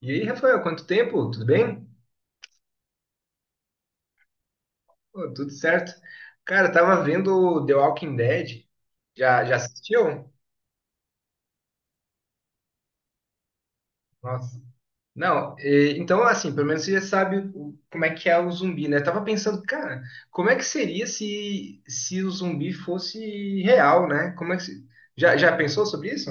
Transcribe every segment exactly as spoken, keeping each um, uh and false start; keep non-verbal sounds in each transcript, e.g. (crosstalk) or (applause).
E aí, Rafael, quanto tempo? Tudo bem? Pô, tudo certo. Cara, eu tava vendo The Walking Dead. Já, já assistiu? Nossa. Não, e- então, assim, pelo menos você já sabe o- como é que é o zumbi, né? Eu tava pensando, cara, como é que seria se, se o zumbi fosse real, né? Como é que se- já, já pensou sobre isso?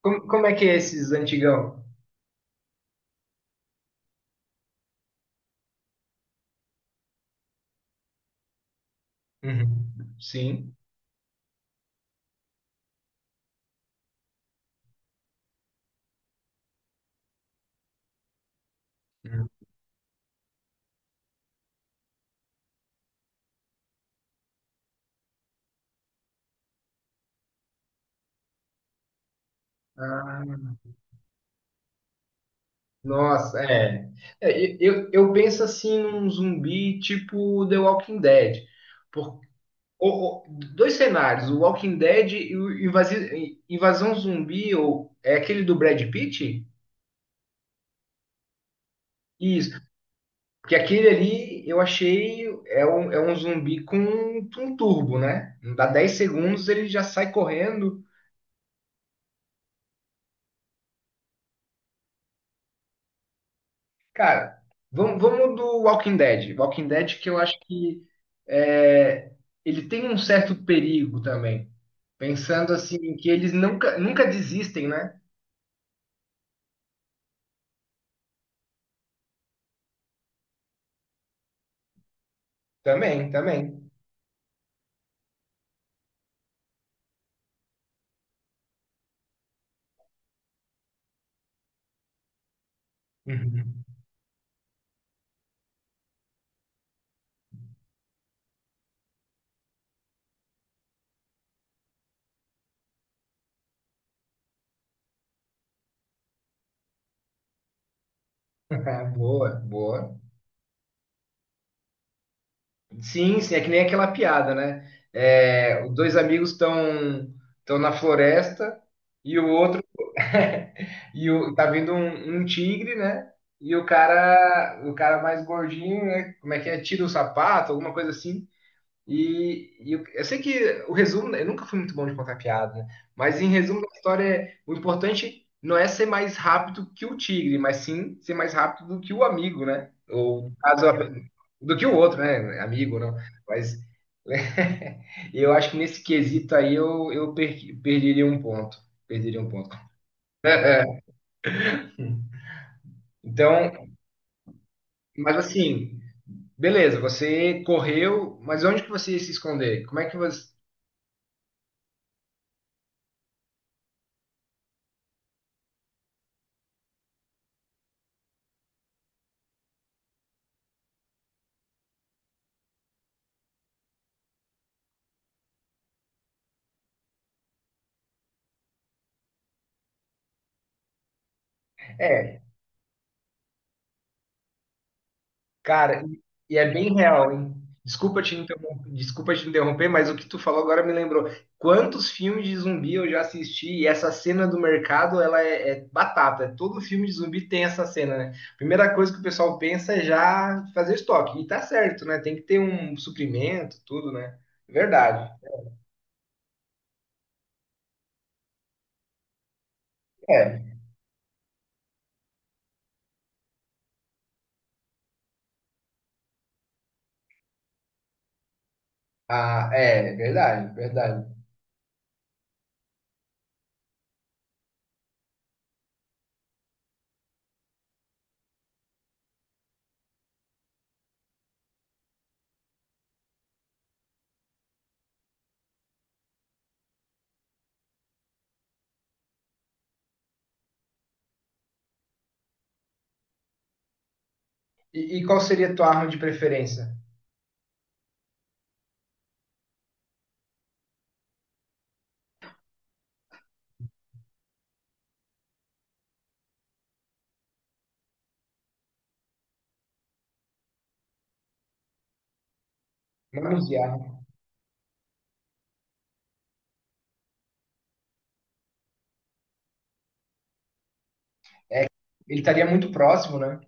Como, como é que é esses antigão? Uhum. Sim. Uhum. Nossa, é. É, eu, eu penso assim num zumbi tipo The Walking Dead. Por, o- o- dois cenários, o Walking Dead e o invasi, Invasão Zumbi, ou é aquele do Brad Pitt? Isso, porque aquele ali eu achei é um, é um zumbi com um, um turbo, né? Dá dez segundos, ele já sai correndo. Cara, vamos, vamos do Walking Dead. Walking Dead que eu acho que é, ele tem um certo perigo também. Pensando assim, que eles nunca, nunca desistem, né? Também, também. Uhum. (laughs) Boa, boa. Sim, sim, é que nem aquela piada, né? É, os dois amigos estão estão na floresta e o outro. (laughs) E o, tá vindo um, um tigre, né? E o cara, o cara mais gordinho, né? Como é que é? Tira o sapato, alguma coisa assim. E, e o- eu sei que o resumo, eu nunca fui muito bom de contar piada, né? Mas em resumo da história, é, o importante não é ser mais rápido que o tigre, mas sim ser mais rápido do que o amigo, né? Ou no caso, do que o outro, né? Amigo, não. Mas (laughs) eu acho que nesse quesito aí eu, eu perdi- perderia um ponto. Perderia um ponto. (laughs) Então, mas assim, beleza, você correu, mas onde que você ia se esconder? Como é que você. É, cara, e e é bem real, hein? Desculpa te interromper, desculpa te interromper, mas o que tu falou agora me lembrou. Quantos filmes de zumbi eu já assisti e essa cena do mercado, ela é, é batata. Todo filme de zumbi tem essa cena, né? Primeira coisa que o pessoal pensa é já fazer estoque. E tá certo, né? Tem que ter um suprimento, tudo, né? Verdade. É, ah, é verdade, verdade. E, e qual seria a tua arma de preferência? Manusear. Ele estaria muito próximo, né?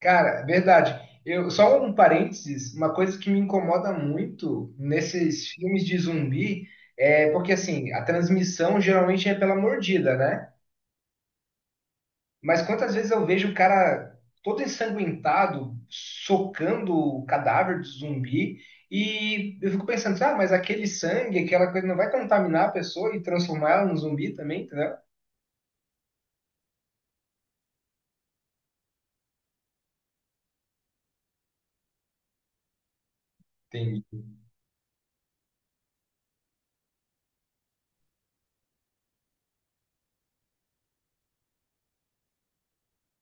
Cara, verdade. Eu, só um parênteses, uma coisa que me incomoda muito nesses filmes de zumbi é porque, assim, a transmissão geralmente é pela mordida, né? Mas quantas vezes eu vejo o cara todo ensanguentado, socando o cadáver do zumbi, e eu fico pensando, ah, mas aquele sangue, aquela coisa não vai contaminar a pessoa e transformar ela num zumbi também, entendeu? Entendi.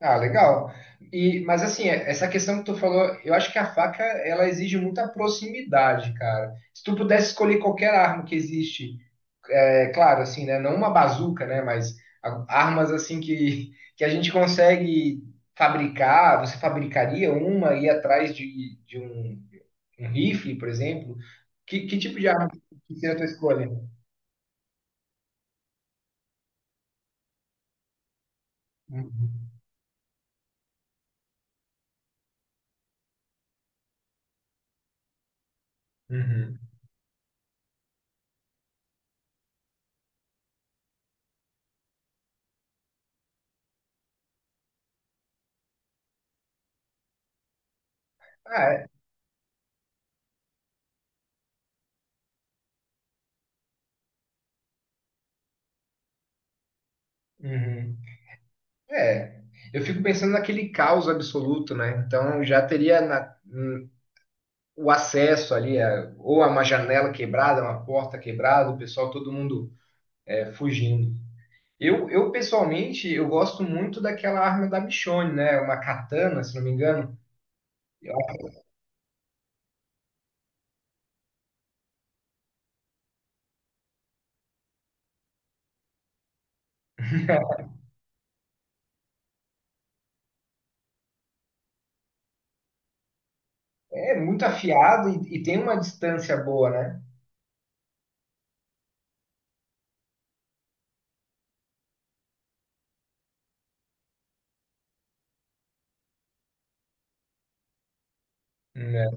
Ah, legal. E, mas assim, é- essa questão que tu falou, eu acho que a faca, ela exige muita proximidade, cara. Se tu pudesse escolher qualquer arma que existe, é claro, assim, né, não uma bazuca, né, mas a- armas assim que, que a gente consegue fabricar, você fabricaria uma e ir atrás de, de um, um rifle, por exemplo? Que, que tipo de arma que seria a tua escolha? Uhum. Uhum. Ah, é. Uhum. É, eu fico pensando naquele caos absoluto, né? Então já teria na- hum, o acesso ali, a- ou a uma janela quebrada, uma porta quebrada, o pessoal, todo mundo é, fugindo. Eu, eu pessoalmente, eu gosto muito daquela arma da Michonne, né? Uma katana, se não me engano. É muito afiado e, e tem uma distância boa, né? Né?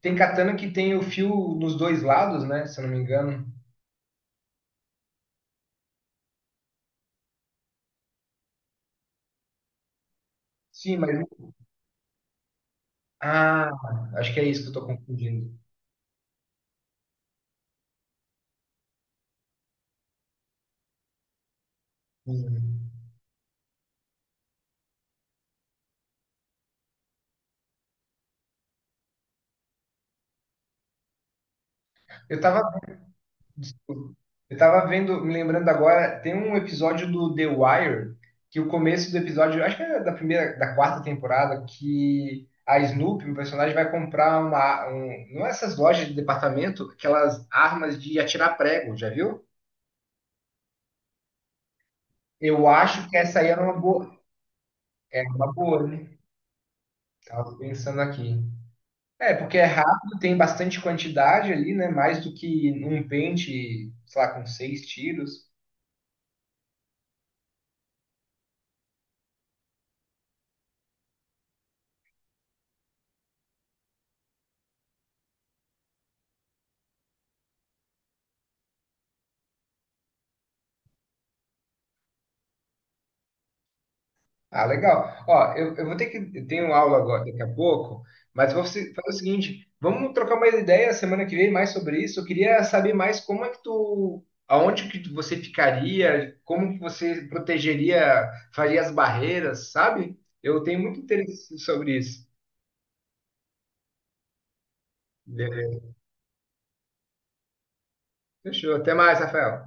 Tem katana que tem o fio nos dois lados, né? Se eu não me engano. Sim, mas. Ah, acho que é isso que eu tô confundindo. Hum. Eu tava Eu tava vendo, me lembrando agora, tem um episódio do The Wire, que o começo do episódio, acho que é da primeira, da quarta temporada, que a Snoopy, um personagem, vai comprar uma, um, não é essas lojas de departamento, aquelas armas de atirar prego, já viu? Eu acho que essa aí era uma boa, era uma boa, né? Tava pensando aqui. É, porque é rápido, tem bastante quantidade ali, né? Mais do que um pente, sei lá, com seis tiros. Ah, legal. Ó, eu, eu vou ter que. Eu tenho aula agora, daqui a pouco, mas vou se- fazer o seguinte: vamos trocar mais ideia semana que vem mais sobre isso. Eu queria saber mais como é que tu. Aonde que você ficaria, como que você protegeria, faria as barreiras, sabe? Eu tenho muito interesse sobre isso. Beleza. Fechou. Até mais, Rafael.